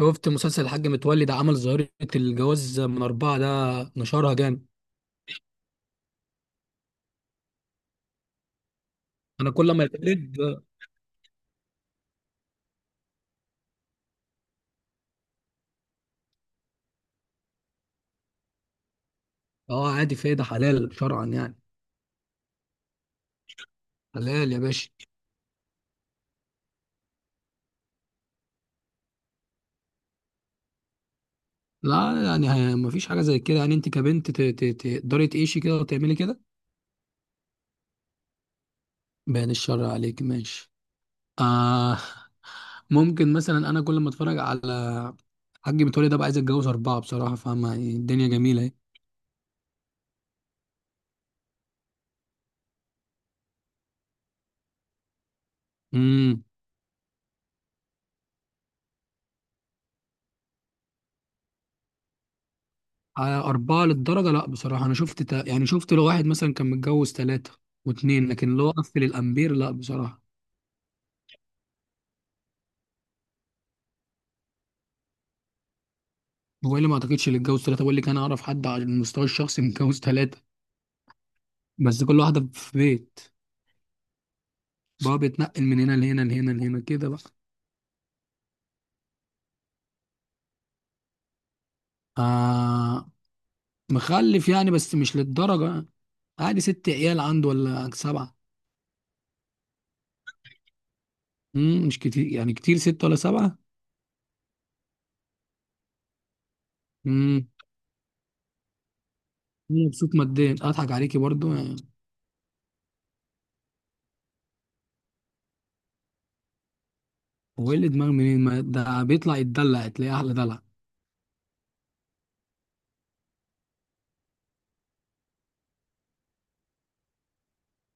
شفت مسلسل الحاج متولي ده عمل ظاهرة. الجواز من أربعة ده نشرها جامد. أنا كل ما يتولد. أه، عادي، في إيه؟ ده حلال شرعا يعني. حلال يا باشا. لا يعني مفيش حاجة زي كده. يعني أنت كبنت تقدري تعيشي كده وتعملي كده؟ بيان الشر عليك ماشي. آه. ممكن مثلا أنا كل ما أتفرج على حاج متولي ده بقى عايز أتجوز أربعة بصراحة، فاهمة؟ يعني الدنيا جميلة. أهي. على أربعة للدرجة؟ لا بصراحة، أنا شفت يعني شفت لو واحد مثلا كان متجوز ثلاثة واتنين، لكن لو قفل الأمبير لا بصراحة. هو إيه اللي ما أعتقدش؟ اللي اتجوز ثلاثة، بقول لك أنا أعرف حد على المستوى الشخصي متجوز ثلاثة، بس كل واحدة في بيت. بقى بيتنقل من هنا لهنا لهنا لهنا كده بقى. آه، مخلف يعني، بس مش للدرجة يعني. عادي ست عيال عنده ولا سبعة. مم مش كتير يعني، كتير ست ولا سبعة. مم مبسوط ماديا. أضحك عليكي برضو يعني. هو إيه اللي دماغ منين؟ ما ده بيطلع يتدلع، تلاقيه أحلى دلع.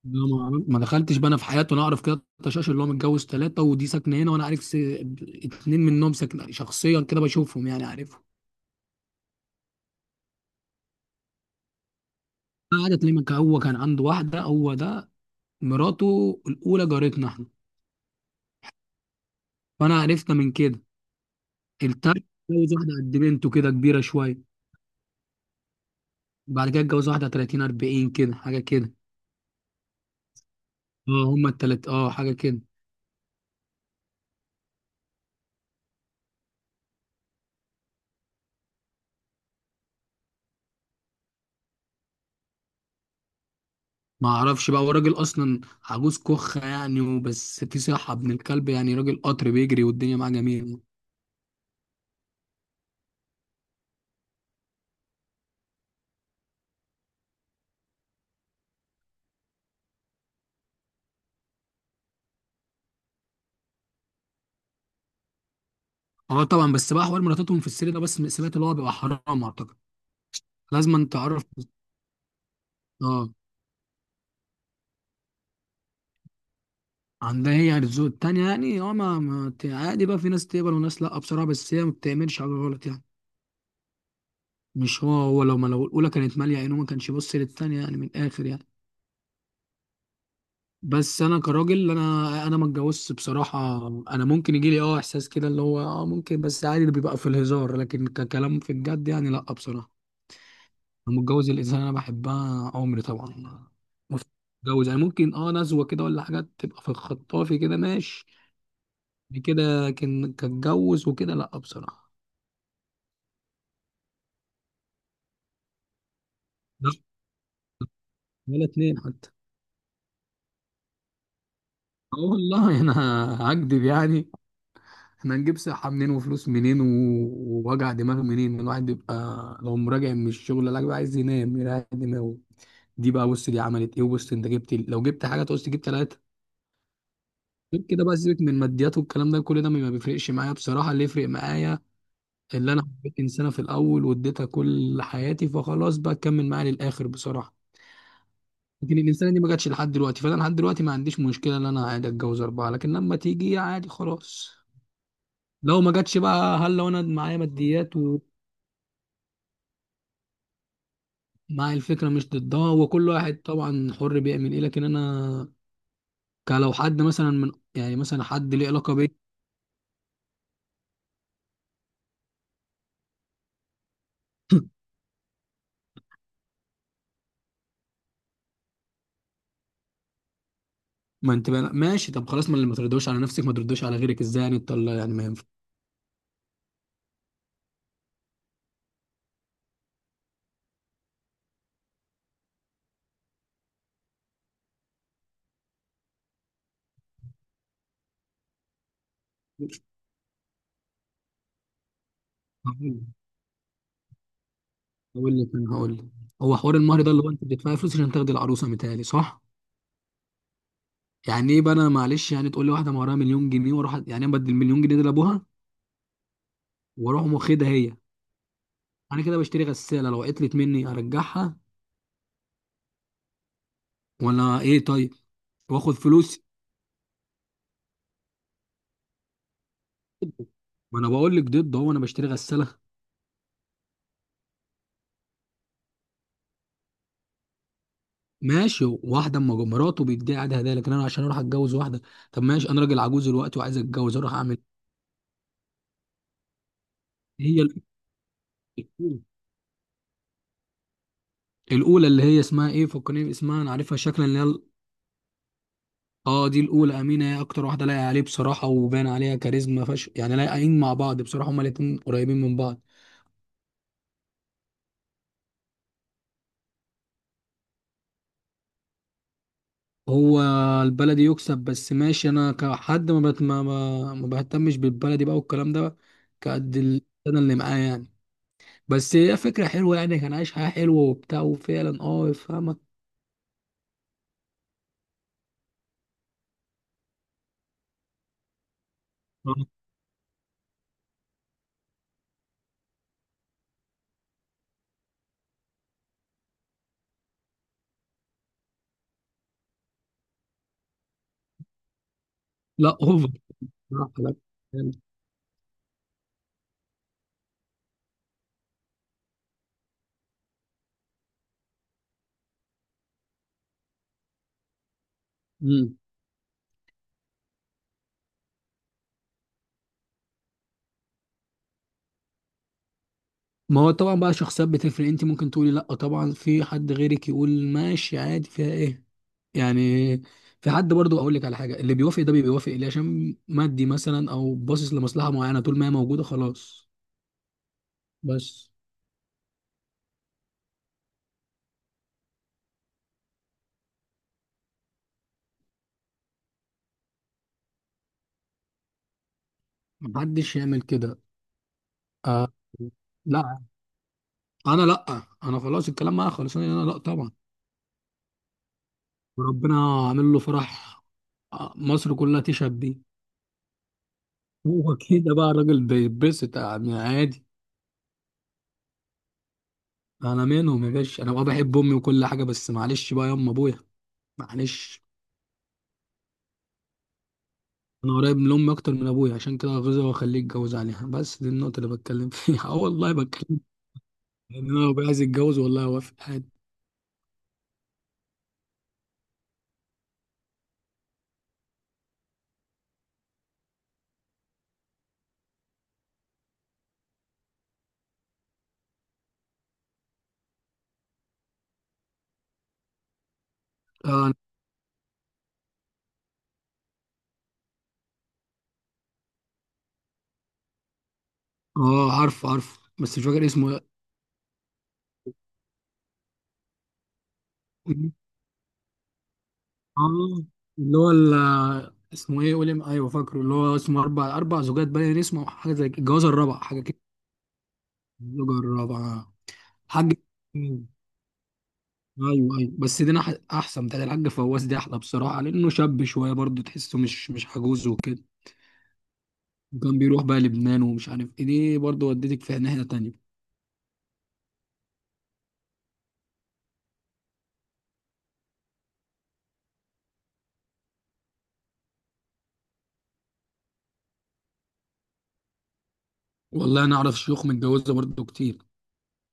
لا، ما دخلتش بقى انا في حياته. انا اعرف كده تشاش اللي هو متجوز ثلاثه، ودي ساكنه هنا، وانا عارف اتنين منهم ساكنه شخصيا، كده بشوفهم يعني، عارفهم. قعدت ليه هو كان عنده واحده، هو ده مراته الاولى جارتنا احنا، فانا عرفنا من كده. التالت اتجوز واحده قد بنته كده، كبيره شويه. بعد كده اتجوز واحده 30 40 كده، حاجه كده. اه هما التلات اه حاجه كده. ما اعرفش بقى، هو راجل اصلا عجوز كخه يعني، وبس في صحه ابن الكلب يعني، راجل قطر بيجري والدنيا معاه جميله. اه طبعا. بس بقى حوار مراتاتهم في السر ده، بس سمعت اللي هو بيبقى حرام اعتقد. لازم انت تعرف. اه. عندها هي الذوق التانية يعني. اه، ما, ما ت- عادي بقى، في ناس تقبل وناس لا بصراحة، بس هي ما بتعملش حاجة غلط يعني. مش هو هو لو ما لو الأولى كانت مالية عينه، ما كانش يبص للتانية يعني، من الآخر يعني. بس أنا كراجل، أنا ما اتجوزتش بصراحة. أنا ممكن يجي لي اه إحساس كده، اللي هو اه ممكن، بس عادي اللي بيبقى في الهزار، لكن ككلام في الجد يعني لا بصراحة. انا متجوز الانسان اللي انا بحبها عمري طبعا. متجوز يعني ممكن اه نزوه كده ولا حاجات تبقى في الخطافي كده، ماشي. يعني كده كان كاتجوز وكده لا بصراحه. لا، ولا اتنين حتى. اه والله انا هكدب يعني. احنا هنجيب صحه منين وفلوس منين ووجع دماغ منين؟ الواحد بيبقى لو مراجع من الشغل لا، بيبقى عايز ينام يريح دماغه. دي بقى، بص، دي عملت ايه، وبص انت جبت لو جبت حاجه تقص، تجيب ثلاثه غير كده بقى. سيبك من الماديات والكلام ده، كل ده ما بيفرقش معايا بصراحه. اللي يفرق معايا، اللي انا حبيت انسانه في الاول واديتها كل حياتي، فخلاص بقى تكمل معايا للاخر بصراحه. لكن الانسانه دي ما جاتش لحد دلوقتي، فانا لحد دلوقتي ما عنديش مشكله ان انا عادي اتجوز اربعه، لكن لما تيجي عادي خلاص. لو ما جاتش بقى، هل لو انا معايا ماديات ومعايا الفكره مش ضدها؟ وكل واحد طبعا حر بيعمل ايه، لكن انا كلو حد مثلا من، يعني مثلا حد ليه علاقه بيا. ما انت بقى ماشي، طب خلاص، ما اللي ما تردوش على نفسك ما تردوش على غيرك، ازاي يعني انت يعني؟ ما ينفعش. هقول لك، هقول لك. هو حوار المهر ده، اللي هو انت بتدفعي فلوس عشان تاخدي العروسه، متهيألي صح؟ يعني ايه بقى؟ انا معلش يعني، تقول لي واحده مهرها مليون جنيه واروح يعني انا بدي المليون جنيه دي لابوها واروح أقوم واخدها هي. انا كده بشتري غساله، لو عطلت مني ارجعها ولا ايه، طيب؟ واخد فلوس. ما انا بقول لك ضد، هو انا بشتري غساله؟ ماشي، واحده اما مراته بيديها عادي هدايا، لكن انا عشان اروح اتجوز واحده. طب ماشي، انا راجل عجوز دلوقتي وعايز اتجوز، اروح اعمل إيه؟ هي ال- الاولى اللي هي اسمها ايه؟ فكرني اسمها، انا عارفها شكلا، اللي هي. اه دي الاولى، امينه، هي اكتر واحده لايقه عليه بصراحه، وبان عليها كاريزما، فش يعني، لايقين مع بعض بصراحه، هما الاتنين قريبين من بعض. هو البلدي يكسب، بس ماشي، انا كحد ما بت... ما, ما ما بهتمش بالبلدي بقى والكلام ده. كقد ال- انا اللي معاه يعني. بس هي فكره حلوه يعني، كان عايش حياه حلوه وبتاع، وفعلا اه يفهمك. لا اوفر، بصراحه لا. مم. ما هو طبعا بقى، شخصيات بتفرق، انت ممكن تقولي لا طبعا، في حد غيرك يقول ماشي عادي، فيها ايه يعني؟ في حد برضو اقول لك على حاجه، اللي بيوافق ده بيوافق ليه؟ عشان مادي مثلا، او باصص لمصلحه معينه، طول ما هي موجوده خلاص. بس محدش يعمل كده. آه. لا، انا لا. انا خلاص الكلام معايا خلاص، انا لا طبعا. وربنا عامل له فرح. آه، مصر كلها تشهد بيه. هو كده بقى الراجل بيتبسط يعني، عادي. انا منهم يا باشا، انا بقى بحب امي وكل حاجه، بس معلش بقى يا ام ابويا، معلش. انا قريب من امي اكتر من ابويا، عشان كده غزة واخليه يتجوز عليها، بس دي النقطه اللي بتكلم فيها اه والله بتكلم، ان انا ابويا عايز يتجوز، والله وافق عادي. اه. اه عارف عارف، بس مش فاكر اسمه إيه. اه اللي هو ال- اسمه ايه؟ قولي، ايوه فاكره، اللي هو اسمه اربع زوجات، باين اسمه، أو حاجه زي كده، الجواز الرابع حاجه كده. الزوجه الرابعه. حاج. مم. ايوه ايوه، بس دي أنا احسن بتاعت الحاج فواز دي احلى بصراحه، لانه شاب شويه برضه تحسه مش عجوز وكده. وكان بيروح بقى لبنان ومش عارف ايه دي، برضه ودتك في ناحية تانية. والله انا اعرف شيوخ متجوزة برضه كتير،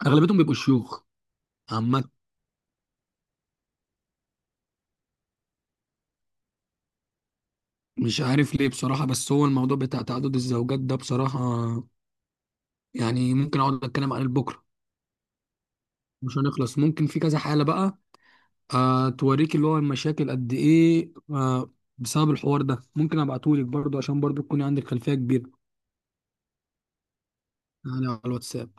اغلبيتهم بيبقوا شيوخ. عامة مش عارف ليه بصراحة، بس هو الموضوع بتاع تعدد الزوجات ده بصراحة، يعني ممكن اقعد اتكلم عن بكرة، مش هنخلص، ممكن في كذا حالة بقى. آه، توريك اللي هو المشاكل قد ايه آه بسبب الحوار ده، ممكن ابعتهولك برضه عشان برضه تكوني عندك خلفية كبيرة. يعني على الواتساب.